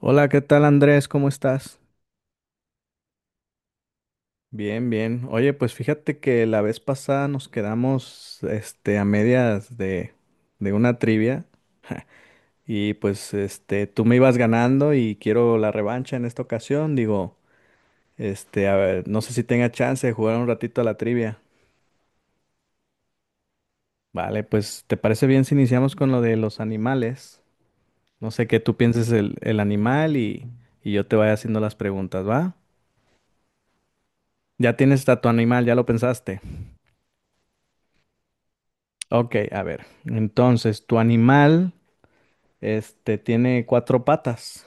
Hola, ¿qué tal Andrés? ¿Cómo estás? Bien, bien. Oye, pues fíjate que la vez pasada nos quedamos, a medias de una trivia. Y pues, tú me ibas ganando y quiero la revancha en esta ocasión. Digo, a ver, no sé si tenga chance de jugar un ratito a la trivia. Vale, pues, ¿te parece bien si iniciamos con lo de los animales? No sé qué tú pienses el animal y, yo te vaya haciendo las preguntas, ¿va? Ya tienes a tu animal, ya lo pensaste. Ok, a ver. Entonces, tu animal, tiene cuatro patas.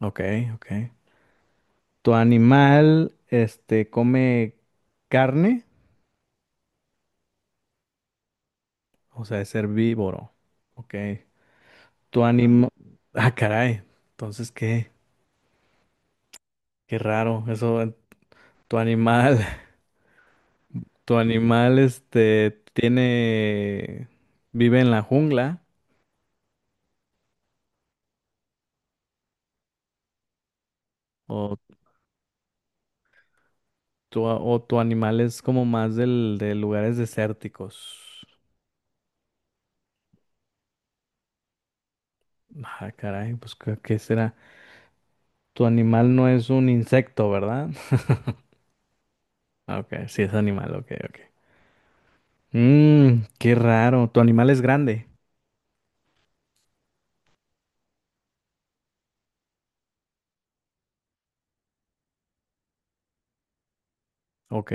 Ok, ok. Tu animal, come carne, o sea, es herbívoro. Ok. Tu animal... Ah, caray. Entonces, ¿qué? Qué raro. Eso, tu animal, tu animal, tiene... vive en la jungla, o o tu animal es como más de lugares desérticos. Ah, caray, pues ¿qué será? Tu animal no es un insecto, ¿verdad? Ah, ok, sí es animal, ok, ok. Qué raro. Tu animal es grande. Ok.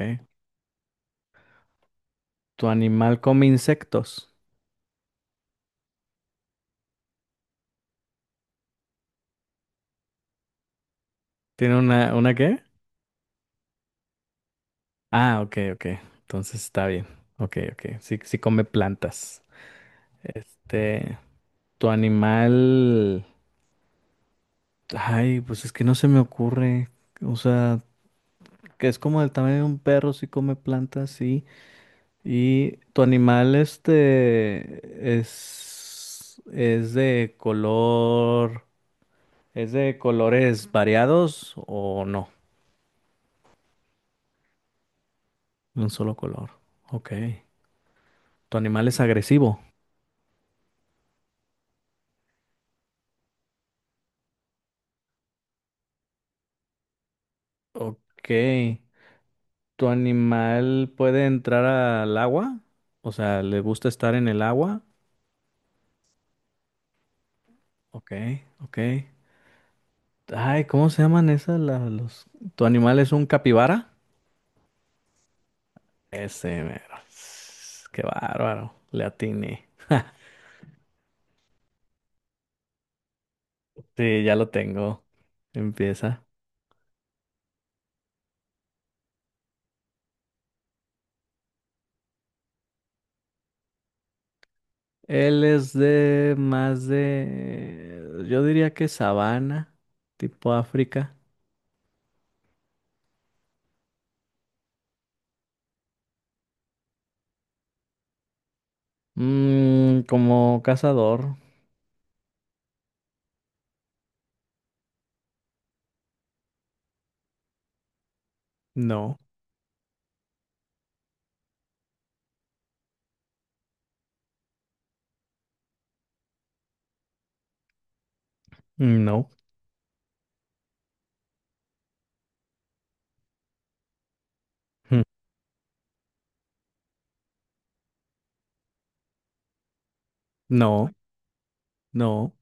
Tu animal come insectos. ¿Tiene una qué? Ah, ok, ok. Entonces está bien. Ok, ok. Sí, sí come plantas. Este, Tu animal. Ay, pues es que no se me ocurre. O sea, que es como el tamaño de un perro, sí come plantas, sí. ¿Y tu animal es es de colores variados o no? Un solo color. Ok. ¿Tu animal es agresivo? Ok. ¿Tu animal puede entrar al agua? O sea, ¿le gusta estar en el agua? Ok, ok. Ay, ¿cómo se llaman esas? Los... ¿Tu animal es un capibara? Ese, mero. Qué bárbaro. Le atiné. Sí, ya lo tengo. Empieza. Él es de más de, yo diría que sabana, tipo África. Como cazador. No, no, no, no,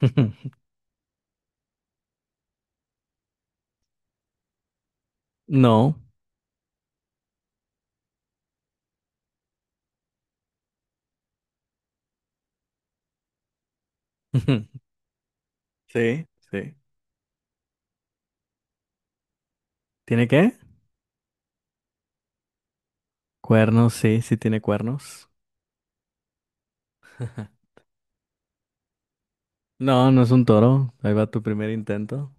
no. Sí, sí. ¿Tiene qué? Cuernos, sí, sí tiene cuernos. No, no es un toro. Ahí va tu primer intento.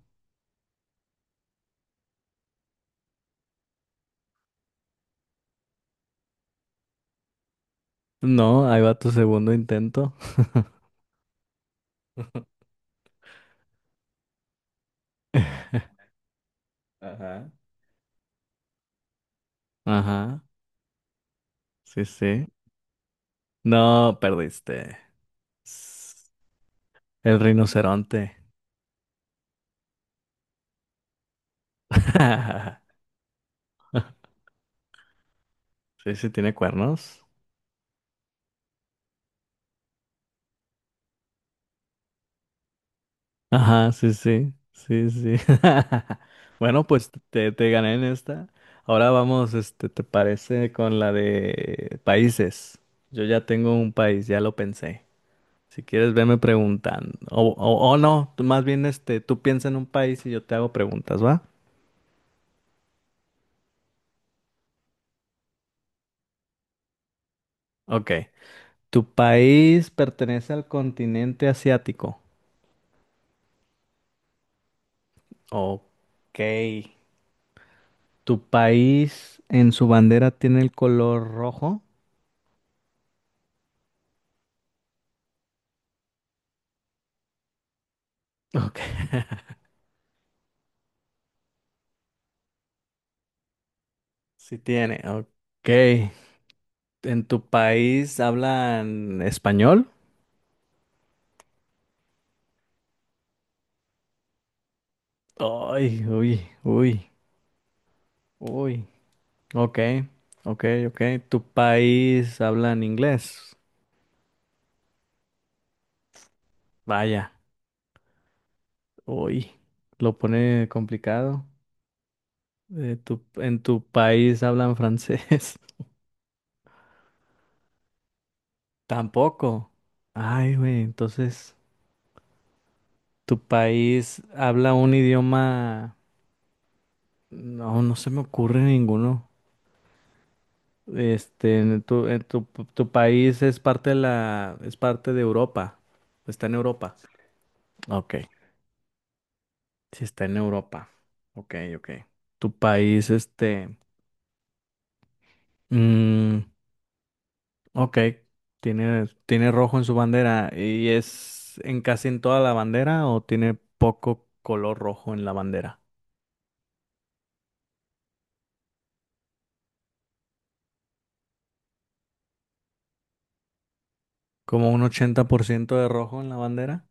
No, ahí va tu segundo intento. Ajá. Ajá, sí, sí. No, perdiste. S- El rinoceronte. Sí, sí, tiene cuernos. Ajá, sí, sí, sí, sí. Bueno, pues te gané en esta. Ahora vamos, ¿te parece con la de países? Yo ya tengo un país, ya lo pensé. Si quieres, veme preguntando. O no, tú más bien, tú piensa en un país y yo te hago preguntas, ¿va? Ok. ¿Tu país pertenece al continente asiático? Ok. ¿Tu país en su bandera tiene el color rojo? Ok. Sí tiene. Ok. ¿En tu país hablan español? Ay, uy, uy, uy. Ok. Ok, ok. ¿Tu país hablan inglés? Vaya. Uy. Lo pone complicado. ¿En tu país hablan francés? Tampoco. Ay, güey. Entonces. ¿Tu país habla un idioma? No, no se me ocurre ninguno. Este, en tu, en tu, tu país es parte de Europa. Está en Europa. Ok, sí está en Europa. Ok, ok. Tu país, mm, ok, tiene rojo en su bandera y es en casi en toda la bandera o tiene poco color rojo en la bandera. Como un 80% de rojo en la bandera.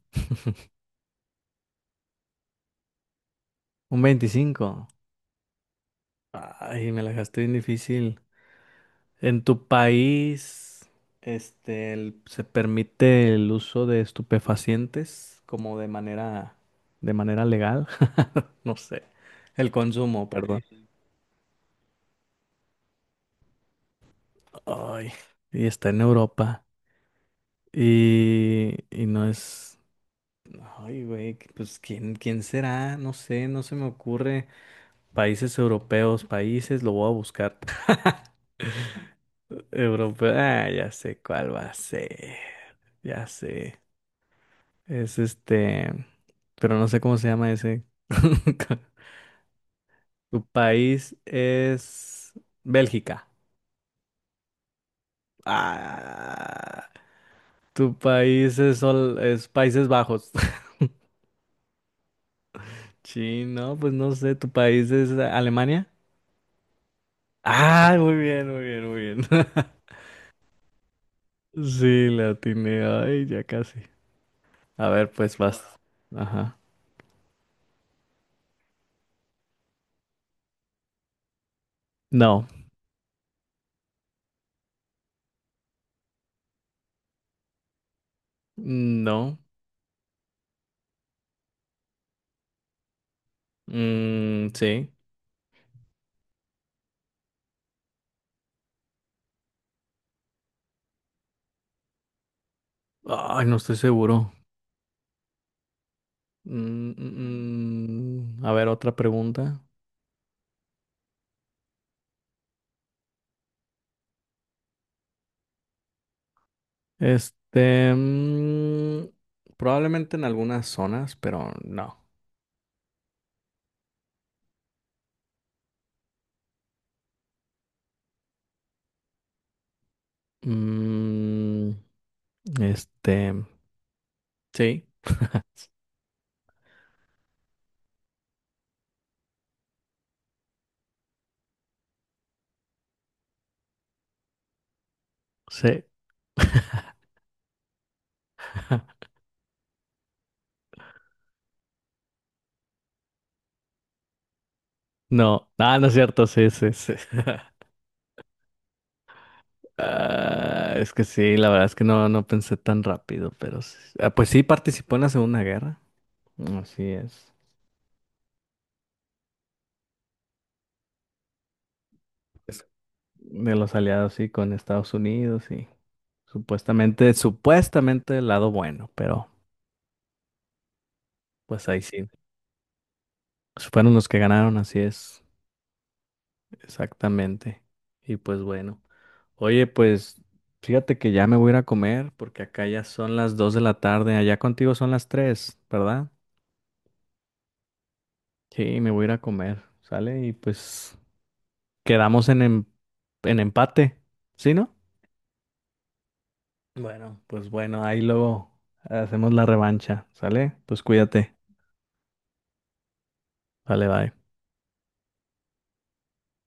Un 25. Ay, me la dejaste bien difícil. ¿En tu país, se permite el uso de estupefacientes como de manera legal? No sé. El consumo, perdón. Ay, y está en Europa. Y, no es. Ay, güey, pues ¿quién será? No sé, no se me ocurre. Países europeos, países, lo voy a buscar. Europeo, ah, ya sé cuál va a ser. Ya sé. Es este, pero no sé cómo se llama ese. Tu país es Bélgica. Ah, tu país es Países Bajos. Sí, no, pues no sé, tu país es Alemania. Ah, muy bien, muy bien, muy bien. Sí, la atiné. Ay, ya casi. A ver, pues vas. Ajá. No, no. Sí. Ay, no estoy seguro. Mm, mm, mm. A ver, otra pregunta. Este, mm, Probablemente en algunas zonas, pero no. Mm, este, sí, sí. No, ah, no es cierto, sí, sí, sí. Ah, es que sí, la verdad es que no, no pensé tan rápido, pero sí. Ah, pues sí participó en la Segunda Guerra. Así es. Es- De los aliados, sí, con Estados Unidos, sí. Supuestamente el lado bueno, pero pues ahí sí. Pues, fueron los que ganaron, así es. Exactamente. Y pues bueno. Oye, pues fíjate que ya me voy a ir a comer porque acá ya son las 2 de la tarde. Allá contigo son las 3, ¿verdad? Sí, me voy a ir a comer, ¿sale? Y pues quedamos en empate, ¿sí, no? Bueno, pues bueno, ahí luego hacemos la revancha, ¿sale? Pues cuídate. Vale, bye.